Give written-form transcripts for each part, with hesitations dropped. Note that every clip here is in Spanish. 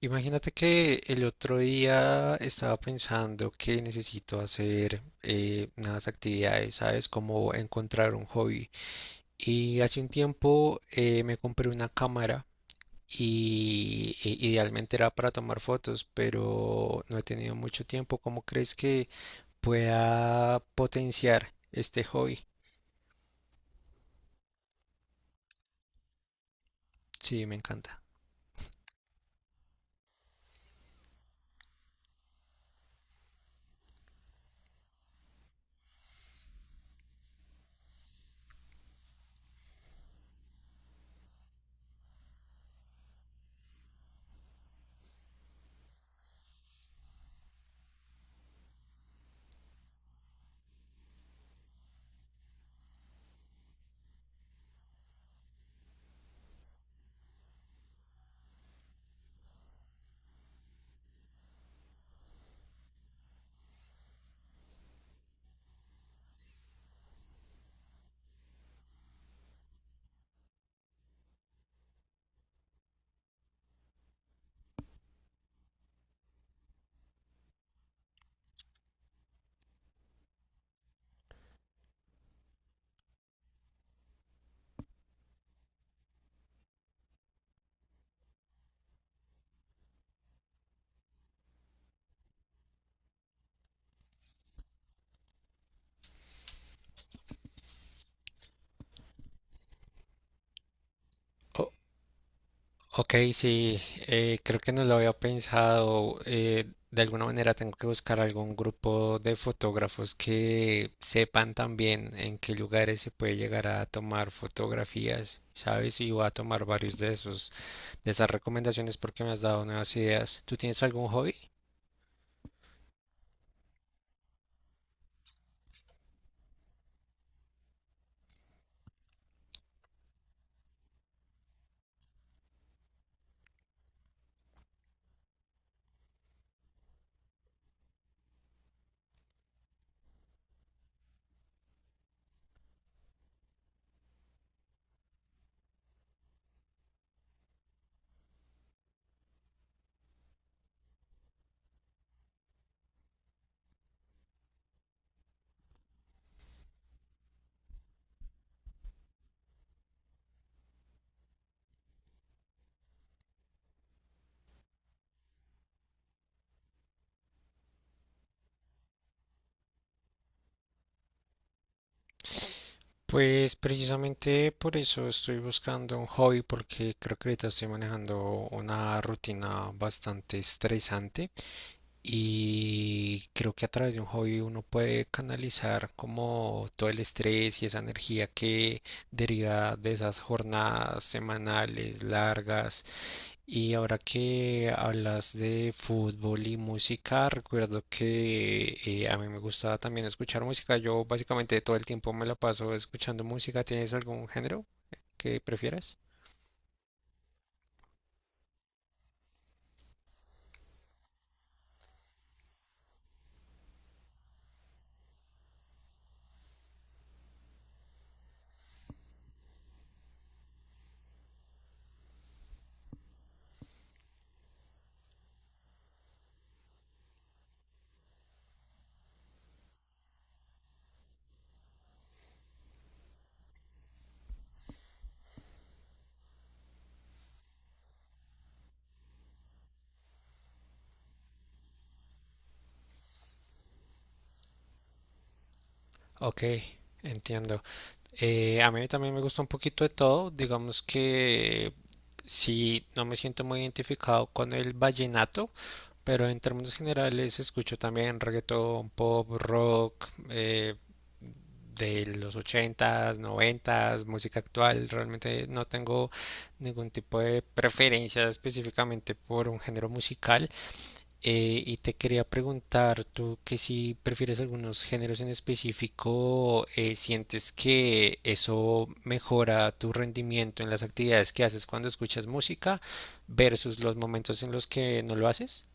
Imagínate que el otro día estaba pensando que necesito hacer unas actividades, ¿sabes? Como encontrar un hobby. Y hace un tiempo me compré una cámara y idealmente era para tomar fotos, pero no he tenido mucho tiempo. ¿Cómo crees que pueda potenciar este hobby? Sí, me encanta. Ok, sí, creo que no lo había pensado. De alguna manera tengo que buscar algún grupo de fotógrafos que sepan también en qué lugares se puede llegar a tomar fotografías, ¿sabes? Y voy a tomar varios de esos, de esas recomendaciones porque me has dado nuevas ideas. ¿Tú tienes algún hobby? Pues precisamente por eso estoy buscando un hobby porque creo que ahorita estoy manejando una rutina bastante estresante. Y creo que a través de un hobby uno puede canalizar como todo el estrés y esa energía que deriva de esas jornadas semanales largas. Y ahora que hablas de fútbol y música, recuerdo que a mí me gusta también escuchar música. Yo básicamente todo el tiempo me la paso escuchando música. ¿Tienes algún género que prefieras? Ok, entiendo. A mí también me gusta un poquito de todo. Digamos que sí, no me siento muy identificado con el vallenato, pero en términos generales escucho también reggaetón, pop, rock, de los 80s, 90s, música actual. Realmente no tengo ningún tipo de preferencia específicamente por un género musical. Y te quería preguntar, tú que si prefieres algunos géneros en específico, ¿sientes que eso mejora tu rendimiento en las actividades que haces cuando escuchas música versus los momentos en los que no lo haces?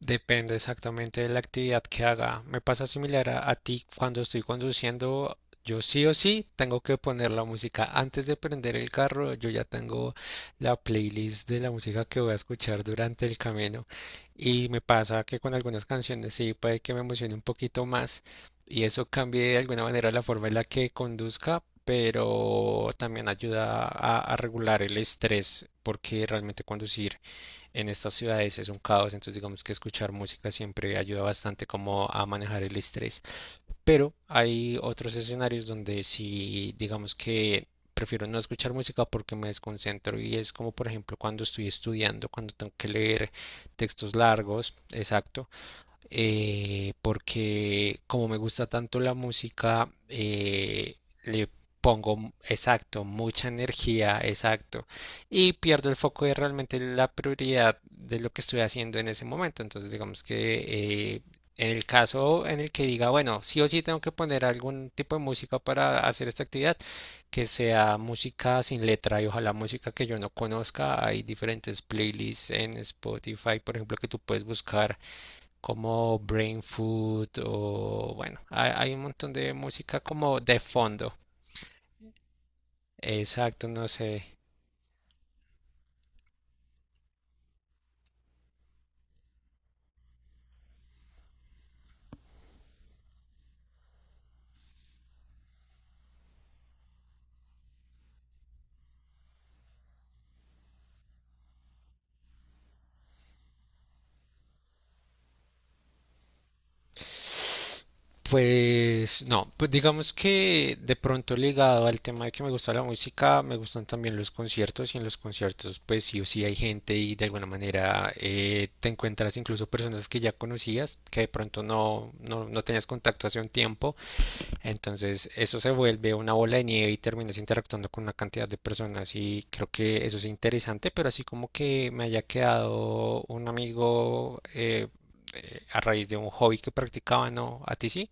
Depende exactamente de la actividad que haga. Me pasa similar a ti cuando estoy conduciendo. Yo sí o sí tengo que poner la música. Antes de prender el carro, yo ya tengo la playlist de la música que voy a escuchar durante el camino. Y me pasa que con algunas canciones sí puede que me emocione un poquito más y eso cambie de alguna manera la forma en la que conduzca, pero también ayuda a regular el estrés porque realmente conducir en estas ciudades es un caos, entonces digamos que escuchar música siempre ayuda bastante como a manejar el estrés. Pero hay otros escenarios donde si digamos que prefiero no escuchar música porque me desconcentro y es como por ejemplo cuando estoy estudiando, cuando tengo que leer textos largos, exacto, porque como me gusta tanto la música, le pongo, exacto, mucha energía, exacto, y pierdo el foco de realmente la prioridad de lo que estoy haciendo en ese momento. Entonces, digamos que en el caso en el que diga, bueno, sí o sí tengo que poner algún tipo de música para hacer esta actividad, que sea música sin letra y ojalá música que yo no conozca. Hay diferentes playlists en Spotify, por ejemplo, que tú puedes buscar como Brain Food o bueno, hay un montón de música como de fondo. Exacto, no sé. Pues no, pues digamos que de pronto ligado al tema de que me gusta la música, me gustan también los conciertos y en los conciertos pues sí o sí hay gente y de alguna manera te encuentras incluso personas que ya conocías, que de pronto no, no, no tenías contacto hace un tiempo. Entonces, eso se vuelve una bola de nieve y terminas interactuando con una cantidad de personas y creo que eso es interesante, pero así como que me haya quedado un amigo a raíz de un hobby que practicaba, ¿no? ¿A ti sí?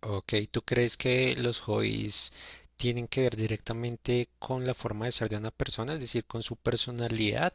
Ok, ¿tú crees que los hobbies tienen que ver directamente con la forma de ser de una persona, es decir, con su personalidad?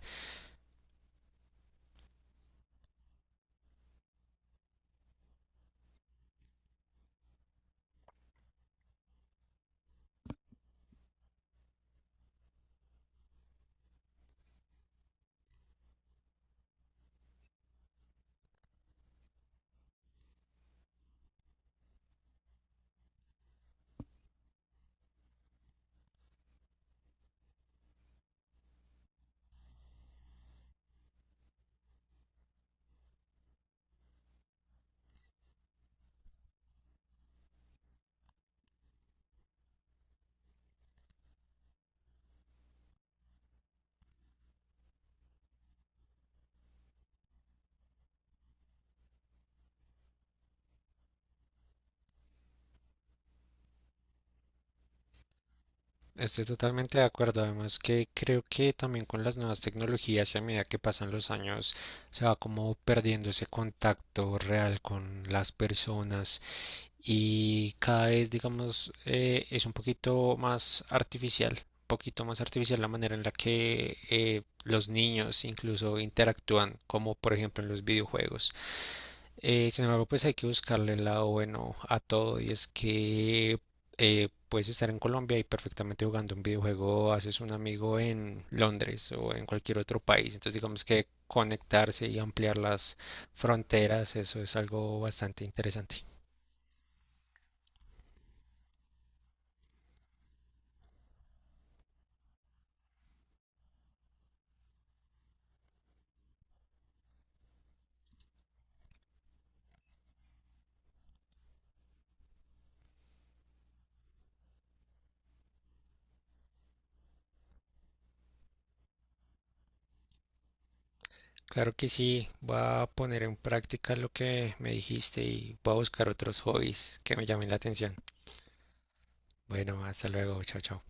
Estoy totalmente de acuerdo, además que creo que también con las nuevas tecnologías y a medida que pasan los años se va como perdiendo ese contacto real con las personas y cada vez, digamos, es un poquito más artificial, un poquito más artificial la manera en la que los niños incluso interactúan, como por ejemplo en los videojuegos. Sin embargo, pues hay que buscarle el lado bueno a todo y es que puedes estar en Colombia y perfectamente jugando un videojuego, haces un amigo en Londres o en cualquier otro país. Entonces, digamos que conectarse y ampliar las fronteras, eso es algo bastante interesante. Claro que sí, voy a poner en práctica lo que me dijiste y voy a buscar otros hobbies que me llamen la atención. Bueno, hasta luego, chao, chao.